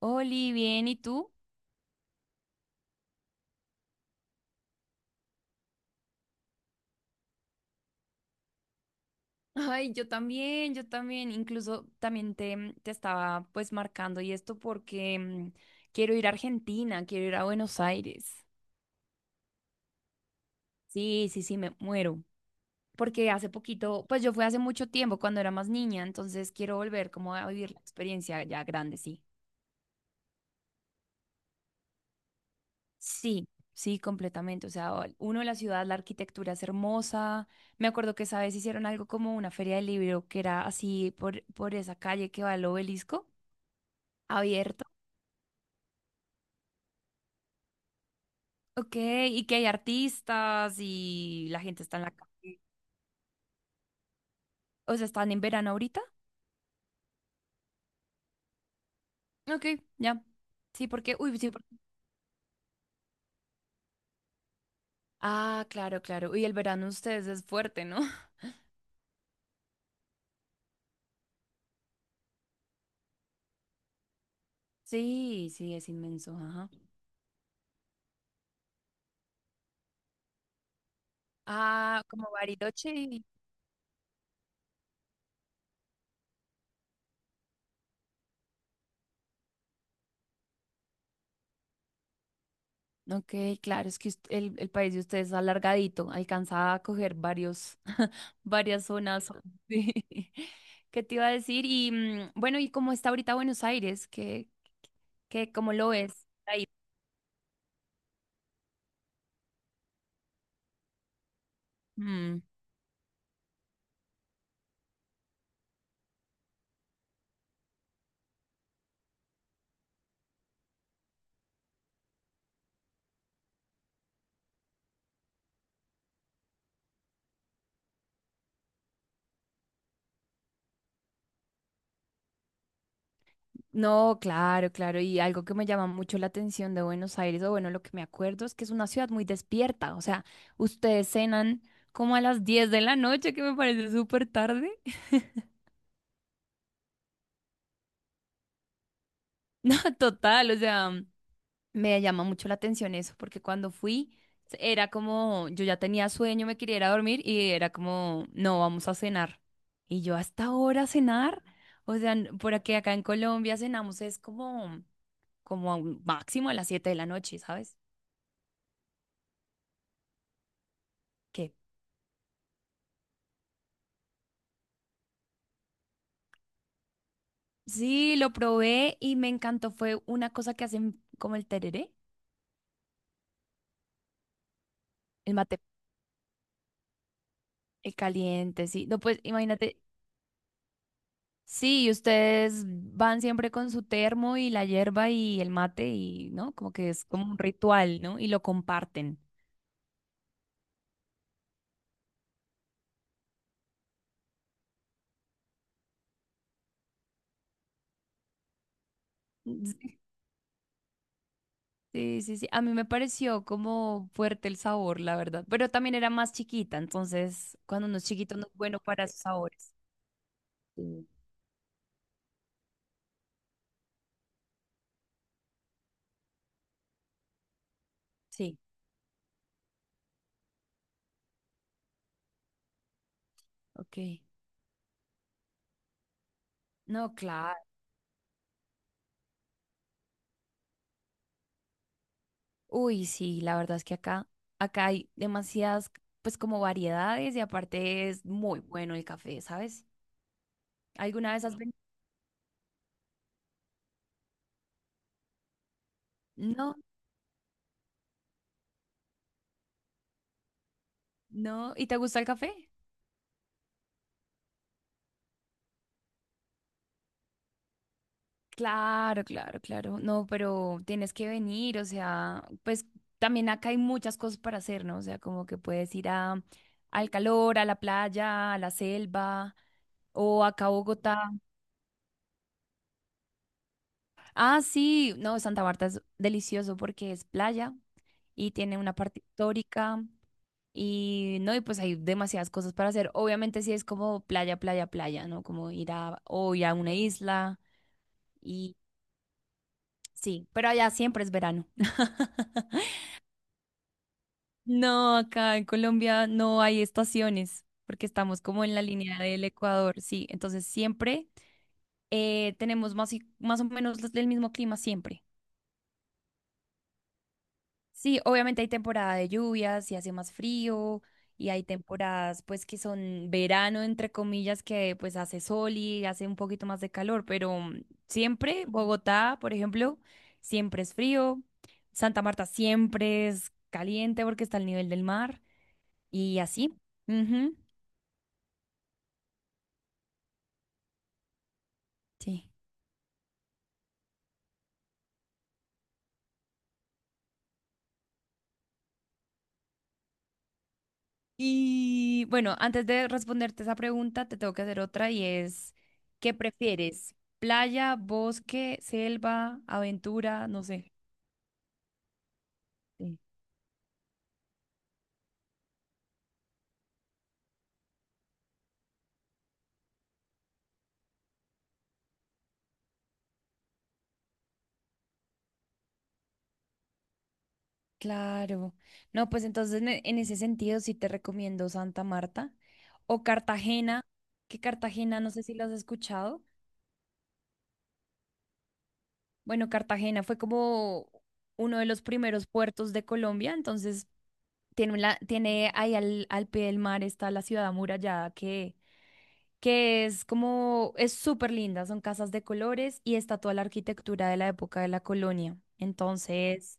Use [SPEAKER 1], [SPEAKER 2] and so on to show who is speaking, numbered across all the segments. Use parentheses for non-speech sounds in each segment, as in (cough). [SPEAKER 1] Oli, bien, ¿y tú? Ay, yo también, incluso también te estaba pues marcando y esto porque quiero ir a Argentina, quiero ir a Buenos Aires. Sí, sí, sí, me muero. Porque hace poquito, pues yo fui hace mucho tiempo cuando era más niña, entonces quiero volver como a vivir la experiencia ya grande, sí. Sí, sí, completamente. O sea, uno, la ciudad, la arquitectura es hermosa. Me acuerdo que esa vez hicieron algo como una feria del libro que era así por esa calle que va al obelisco. Abierto. Ok, y que hay artistas y la gente está en la calle. O sea, ¿están en verano ahorita? Ok, ya. Sí, porque, uy, sí, porque... Ah, claro, claro. Uy, el verano ustedes es fuerte, ¿no? (laughs) Sí, sí, es inmenso, ajá. Ah, como Bariloche. Ok, claro, es que el país de ustedes es alargadito, alcanza a coger varios, (laughs) varias zonas. Sí. (laughs) ¿Qué te iba a decir? Y bueno, ¿y cómo está ahorita Buenos Aires? Cómo lo ves? Mm. No, claro, claro. Y algo que me llama mucho la atención de Buenos Aires, o bueno, lo que me acuerdo es que es una ciudad muy despierta. O sea, ustedes cenan como a las 10 de la noche, que me parece súper tarde. (laughs) No, total, o sea, me llama mucho la atención eso, porque cuando fui era como, yo ya tenía sueño, me quería ir a dormir y era como, no, vamos a cenar. Y yo hasta ahora cenar, o sea, por aquí acá en Colombia cenamos es como, como a un máximo a las 7 de la noche, ¿sabes? ¿Qué? Sí, lo probé y me encantó. Fue una cosa que hacen como el tereré, el mate el caliente, sí. No, pues imagínate, sí, ustedes van siempre con su termo y la hierba y el mate y, ¿no? Como que es como un ritual, ¿no? Y lo comparten. Sí, sí, sí. A mí me pareció como fuerte el sabor, la verdad. Pero también era más chiquita, entonces cuando uno es chiquito no es bueno para sus sabores. Sí. Sí, ok. No, claro. Uy, sí, la verdad es que acá, acá hay demasiadas, pues como variedades y aparte es muy bueno el café, ¿sabes? ¿Alguna vez has venido? No, no. ¿Y te gusta el café? Claro, claro, claro. No, pero tienes que venir, o sea, pues también acá hay muchas cosas para hacer, ¿no? O sea, como que puedes ir a, al calor, a la playa, a la selva o acá a Bogotá. Ah, sí, no, Santa Marta es delicioso porque es playa y tiene una parte histórica. Y no, y pues hay demasiadas cosas para hacer. Obviamente sí es como playa, playa, playa, ¿no? Como ir a hoy a una isla y sí, pero allá siempre es verano. (laughs) No, acá en Colombia no hay estaciones porque estamos como en la línea del Ecuador, sí. Entonces siempre tenemos más, más o menos el mismo clima siempre. Sí, obviamente hay temporada de lluvias y hace más frío y hay temporadas pues que son verano entre comillas que pues hace sol y hace un poquito más de calor, pero siempre Bogotá, por ejemplo, siempre es frío, Santa Marta siempre es caliente porque está al nivel del mar y así. Ujú, sí. Y bueno, antes de responderte esa pregunta, te tengo que hacer otra y es, ¿qué prefieres? ¿Playa, bosque, selva, aventura? No sé. Sí, claro. No, pues entonces en ese sentido sí te recomiendo Santa Marta o Cartagena, que Cartagena, no sé si lo has escuchado. Bueno, Cartagena fue como uno de los primeros puertos de Colombia, entonces tiene, la, tiene ahí al pie del mar está la ciudad amurallada que es como, es súper linda, son casas de colores y está toda la arquitectura de la época de la colonia. Entonces...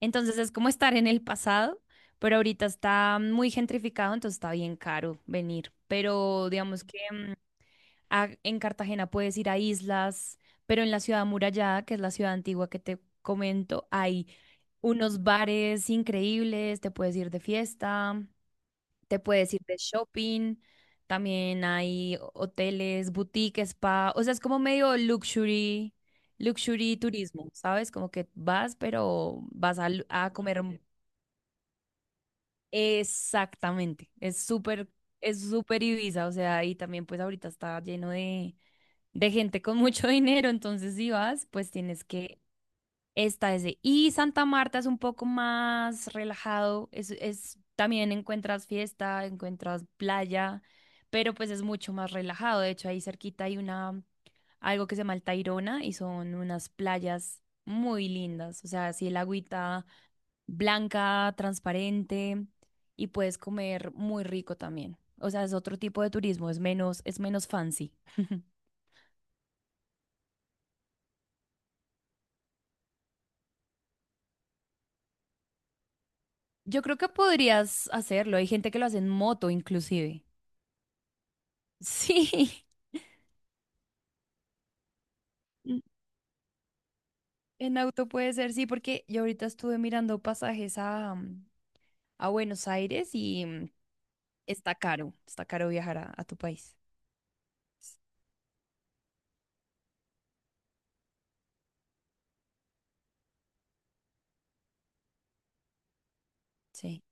[SPEAKER 1] entonces es como estar en el pasado, pero ahorita está muy gentrificado, entonces está bien caro venir. Pero digamos que en Cartagena puedes ir a islas, pero en la ciudad amurallada, que es la ciudad antigua que te comento, hay unos bares increíbles, te puedes ir de fiesta, te puedes ir de shopping, también hay hoteles, boutique, spa, o sea, es como medio luxury. Luxury turismo, ¿sabes? Como que vas, pero vas a, a comer. Exactamente, es súper Ibiza, o sea, y también pues ahorita está lleno de gente con mucho (laughs) dinero, entonces si vas, pues tienes que, esta es de, y Santa Marta es un poco más relajado, es, también encuentras fiesta, encuentras playa, pero pues es mucho más relajado, de hecho ahí cerquita hay una, algo que se llama el Tayrona y son unas playas muy lindas, o sea, si el agüita blanca, transparente y puedes comer muy rico también. O sea, es otro tipo de turismo, es menos fancy. (laughs) Yo creo que podrías hacerlo. Hay gente que lo hace en moto, inclusive. Sí, (laughs) Mm, en auto puede ser, sí, porque yo ahorita estuve mirando pasajes a, a Buenos Aires y está caro viajar a tu país. S- sí,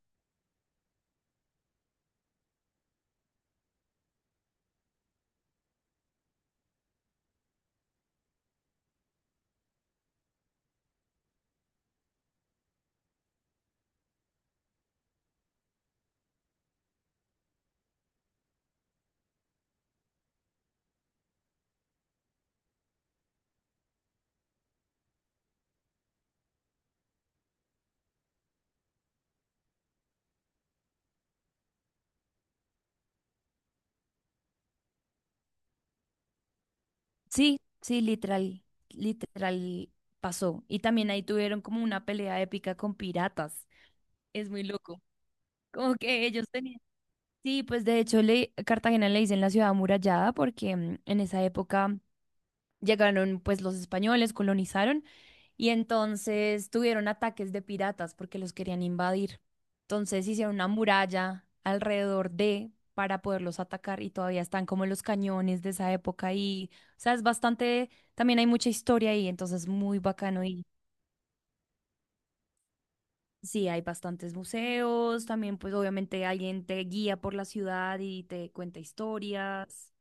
[SPEAKER 1] sí, sí, literal, literal pasó. Y también ahí tuvieron como una pelea épica con piratas. Es muy loco. Como que ellos tenían. Sí, pues de hecho le, Cartagena le dicen la ciudad amurallada porque en esa época llegaron pues los españoles, colonizaron y entonces tuvieron ataques de piratas porque los querían invadir. Entonces hicieron una muralla alrededor de para poderlos atacar y todavía están como los cañones de esa época y, o sea, es bastante, también hay mucha historia ahí, entonces muy bacano. Sí, hay bastantes museos, también pues obviamente alguien te guía por la ciudad y te cuenta historias.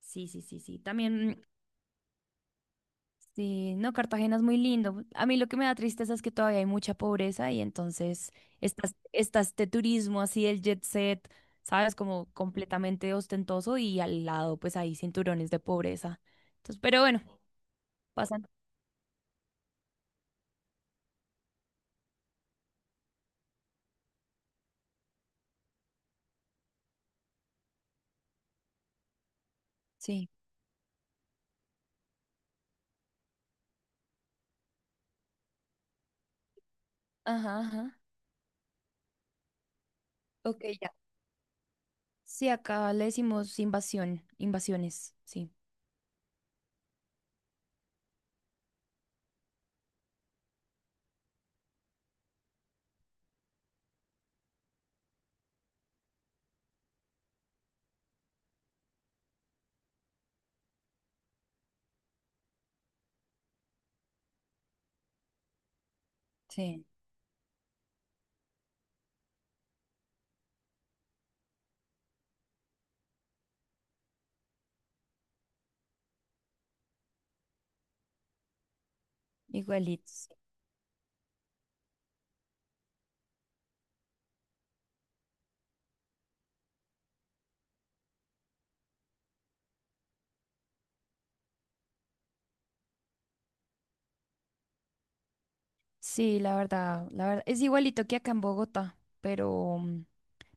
[SPEAKER 1] Sí, sí, sí, sí. También, sí, no, Cartagena es muy lindo. A mí lo que me da tristeza es que todavía hay mucha pobreza y entonces está, está este turismo así, el jet set, ¿sabes? Como completamente ostentoso y al lado pues hay cinturones de pobreza. Entonces, pero bueno, pasan. Sí. Ajá, ajá. Ok, ya. Sí, acá le decimos invasión, invasiones, sí. Sí. Igualito. Sí, la verdad, es igualito que acá en Bogotá, pero,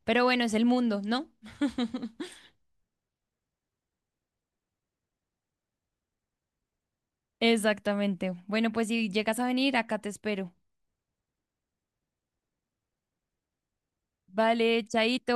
[SPEAKER 1] pero bueno, es el mundo, ¿no? Exactamente. Bueno, pues si llegas a venir, acá te espero. Vale, chaito.